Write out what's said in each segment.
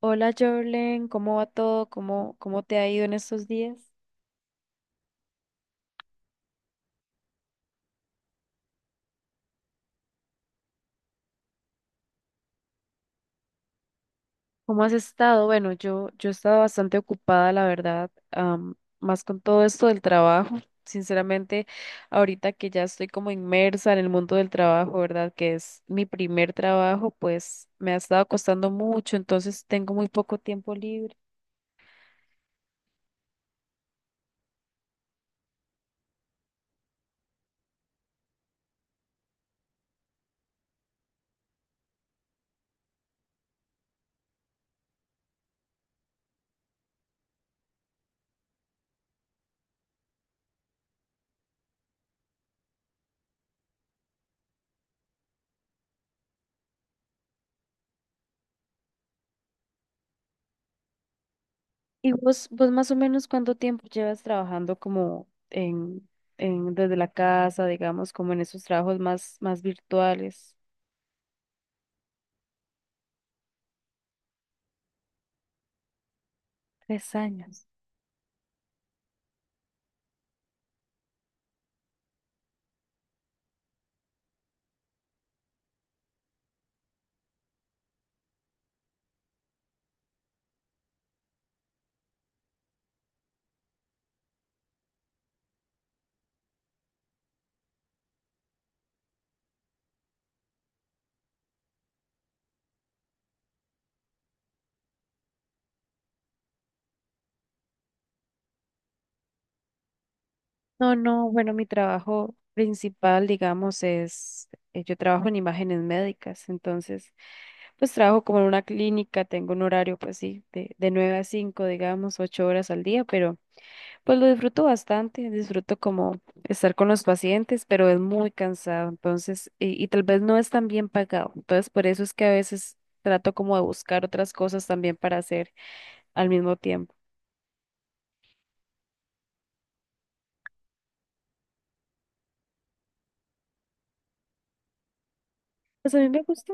Hola, Jorlen, ¿cómo va todo? ¿Cómo te ha ido en estos días? ¿Cómo has estado? Bueno, yo he estado bastante ocupada, la verdad, más con todo esto del trabajo. Sinceramente, ahorita que ya estoy como inmersa en el mundo del trabajo, ¿verdad? Que es mi primer trabajo, pues me ha estado costando mucho, entonces tengo muy poco tiempo libre. ¿Y vos más o menos cuánto tiempo llevas trabajando como en desde la casa, digamos, como en esos trabajos más virtuales? 3 años. No, no, bueno, mi trabajo principal, digamos, es, yo trabajo en imágenes médicas. Entonces, pues trabajo como en una clínica, tengo un horario, pues sí, de 9 a 5 digamos, 8 horas al día, pero pues lo disfruto bastante, disfruto como estar con los pacientes, pero es muy cansado. Entonces, y tal vez no es tan bien pagado. Entonces, por eso es que a veces trato como de buscar otras cosas también para hacer al mismo tiempo. Pues a mí me gusta,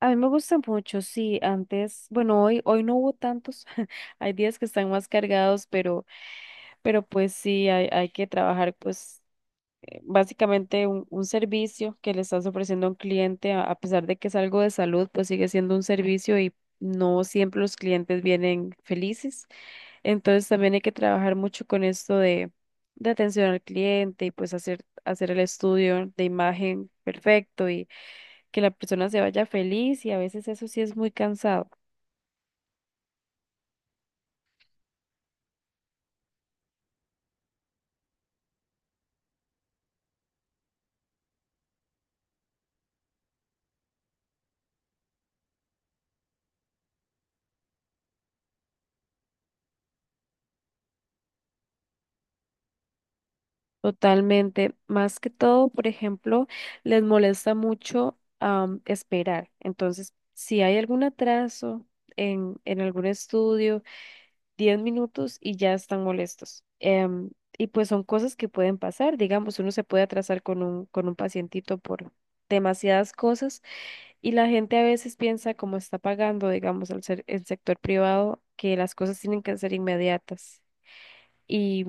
a mí me gusta mucho, sí. Antes, bueno, hoy no hubo tantos, hay días que están más cargados, pero pues sí, hay que trabajar pues básicamente un servicio que le estás ofreciendo a un cliente, a pesar de que es algo de salud. Pues sigue siendo un servicio y no siempre los clientes vienen felices. Entonces también hay que trabajar mucho con esto de atención al cliente y pues hacer el estudio de imagen perfecto y que la persona se vaya feliz, y a veces eso sí es muy cansado. Totalmente. Más que todo, por ejemplo, les molesta mucho esperar. Entonces, si hay algún atraso en algún estudio, 10 minutos y ya están molestos. Y pues son cosas que pueden pasar. Digamos, uno se puede atrasar con un pacientito por demasiadas cosas, y la gente a veces piensa, como está pagando, digamos, al ser el sector privado, que las cosas tienen que ser inmediatas. Y,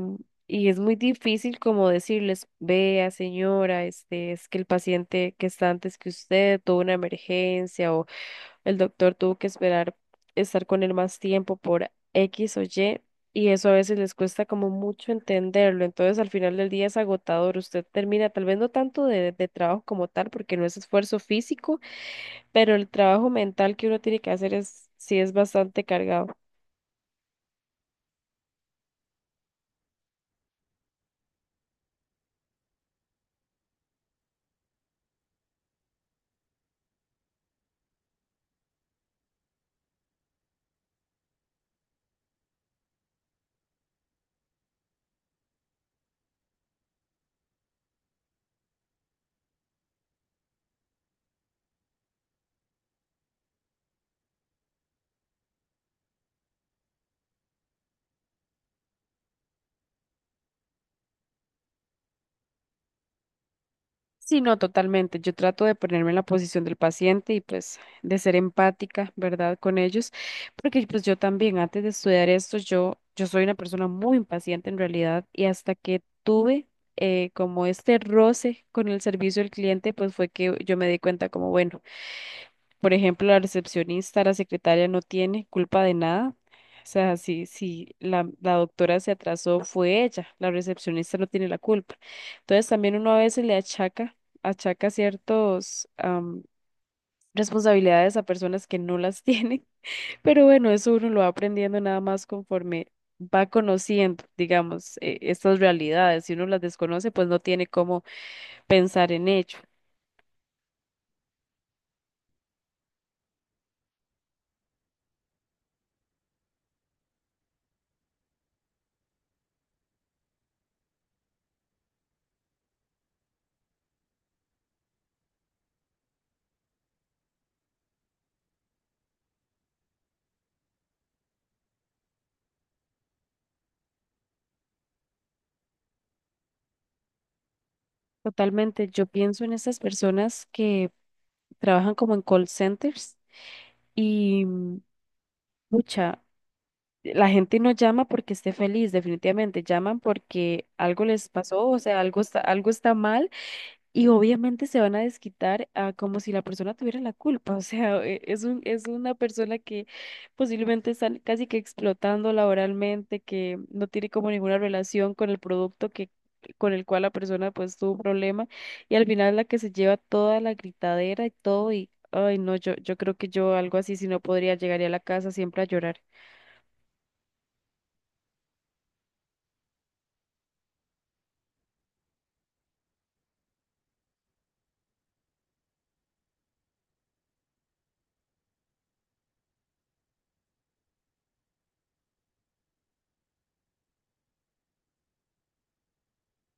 y es muy difícil como decirles, vea, señora, este, es que el paciente que está antes que usted tuvo una emergencia, o el doctor tuvo que esperar estar con él más tiempo por X o Y. Y eso a veces les cuesta como mucho entenderlo. Entonces al final del día es agotador. Usted termina tal vez no tanto de trabajo como tal, porque no es esfuerzo físico, pero el trabajo mental que uno tiene que hacer es, sí es bastante cargado. Sí, no, totalmente. Yo trato de ponerme en la posición del paciente y pues de ser empática, ¿verdad? Con ellos, porque pues yo también antes de estudiar esto, yo soy una persona muy impaciente en realidad. Y hasta que tuve como este roce con el servicio al cliente, pues fue que yo me di cuenta como, bueno. Por ejemplo, la recepcionista, la secretaria no tiene culpa de nada. O sea, si la doctora se atrasó, fue ella. La recepcionista no tiene la culpa. Entonces, también uno a veces le achaca ciertos responsabilidades a personas que no las tienen. Pero bueno, eso uno lo va aprendiendo nada más conforme va conociendo, digamos, estas realidades. Si uno las desconoce, pues no tiene cómo pensar en ello. Totalmente, yo pienso en estas personas que trabajan como en call centers y mucha, la gente no llama porque esté feliz, definitivamente, llaman porque algo les pasó, o sea, algo está mal, y obviamente se van a desquitar a como si la persona tuviera la culpa. O sea, es una persona que posiblemente está casi que explotando laboralmente, que no tiene como ninguna relación con el producto con el cual la persona pues tuvo un problema. Y al final la que se lleva toda la gritadera y todo. Y, ay, no, yo creo que yo algo así, si no podría, llegaría a la casa siempre a llorar.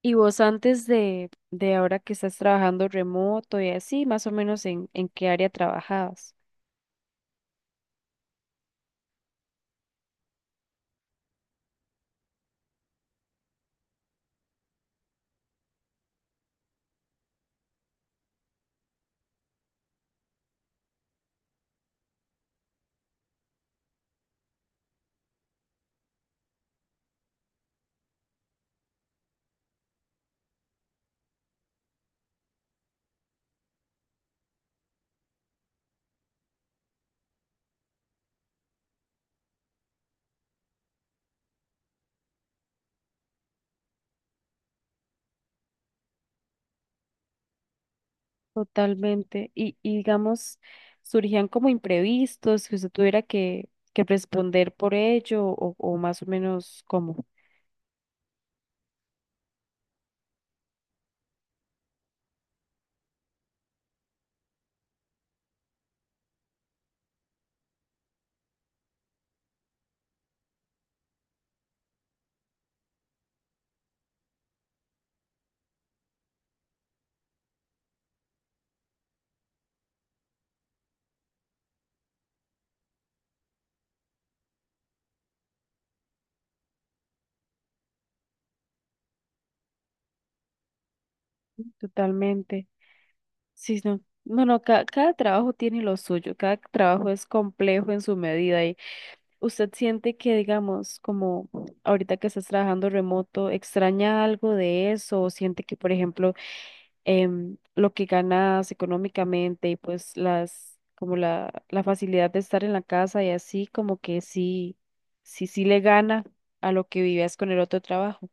¿Y vos antes de ahora que estás trabajando remoto y así, más o menos en qué área trabajabas? Totalmente. Y, digamos, surgían como imprevistos, que usted tuviera que responder por ello, o más o menos como. Totalmente. Sí, no. No, no, cada trabajo tiene lo suyo, cada trabajo es complejo en su medida. Y usted siente que, digamos, como ahorita que estás trabajando remoto, ¿extraña algo de eso? O siente que, por ejemplo, lo que ganas económicamente y pues como la facilidad de estar en la casa, y así como que sí, sí, sí le gana a lo que vivías con el otro trabajo.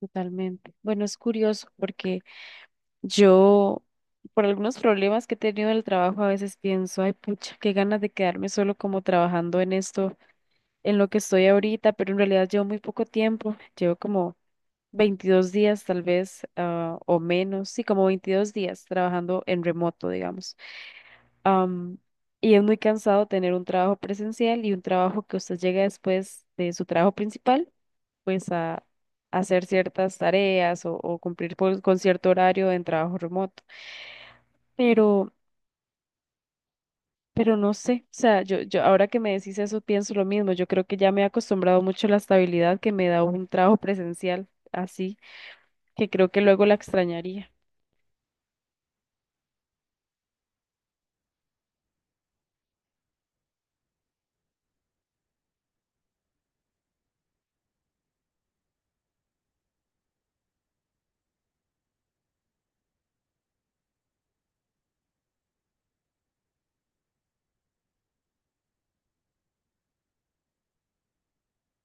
Totalmente. Bueno, es curioso porque yo, por algunos problemas que he tenido en el trabajo, a veces pienso, ay, pucha, qué ganas de quedarme solo como trabajando en esto, en lo que estoy ahorita. Pero en realidad llevo muy poco tiempo, llevo como 22 días tal vez o menos, sí, como 22 días trabajando en remoto, digamos. Am, y es muy cansado tener un trabajo presencial y un trabajo que usted llega después de su trabajo principal, pues a hacer ciertas tareas, o cumplir con cierto horario en trabajo remoto. Pero, pero no sé, o sea, yo ahora que me decís eso pienso lo mismo. Yo creo que ya me he acostumbrado mucho a la estabilidad que me da un trabajo presencial así, que creo que luego la extrañaría.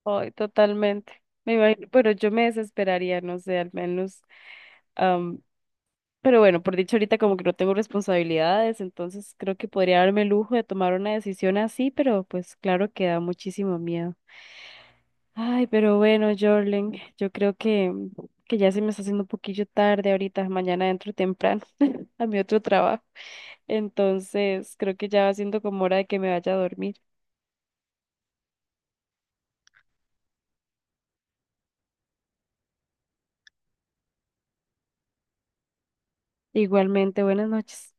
Ay, totalmente. Me imagino, pero yo me desesperaría, no sé, al menos. am, pero bueno, por dicho ahorita como que no tengo responsabilidades, entonces creo que podría darme el lujo de tomar una decisión así, pero pues claro que da muchísimo miedo. Ay, pero bueno, Jorlen, yo creo que ya se me está haciendo un poquillo tarde ahorita, mañana entro temprano a mi otro trabajo. Entonces, creo que ya va siendo como hora de que me vaya a dormir. Igualmente, buenas noches.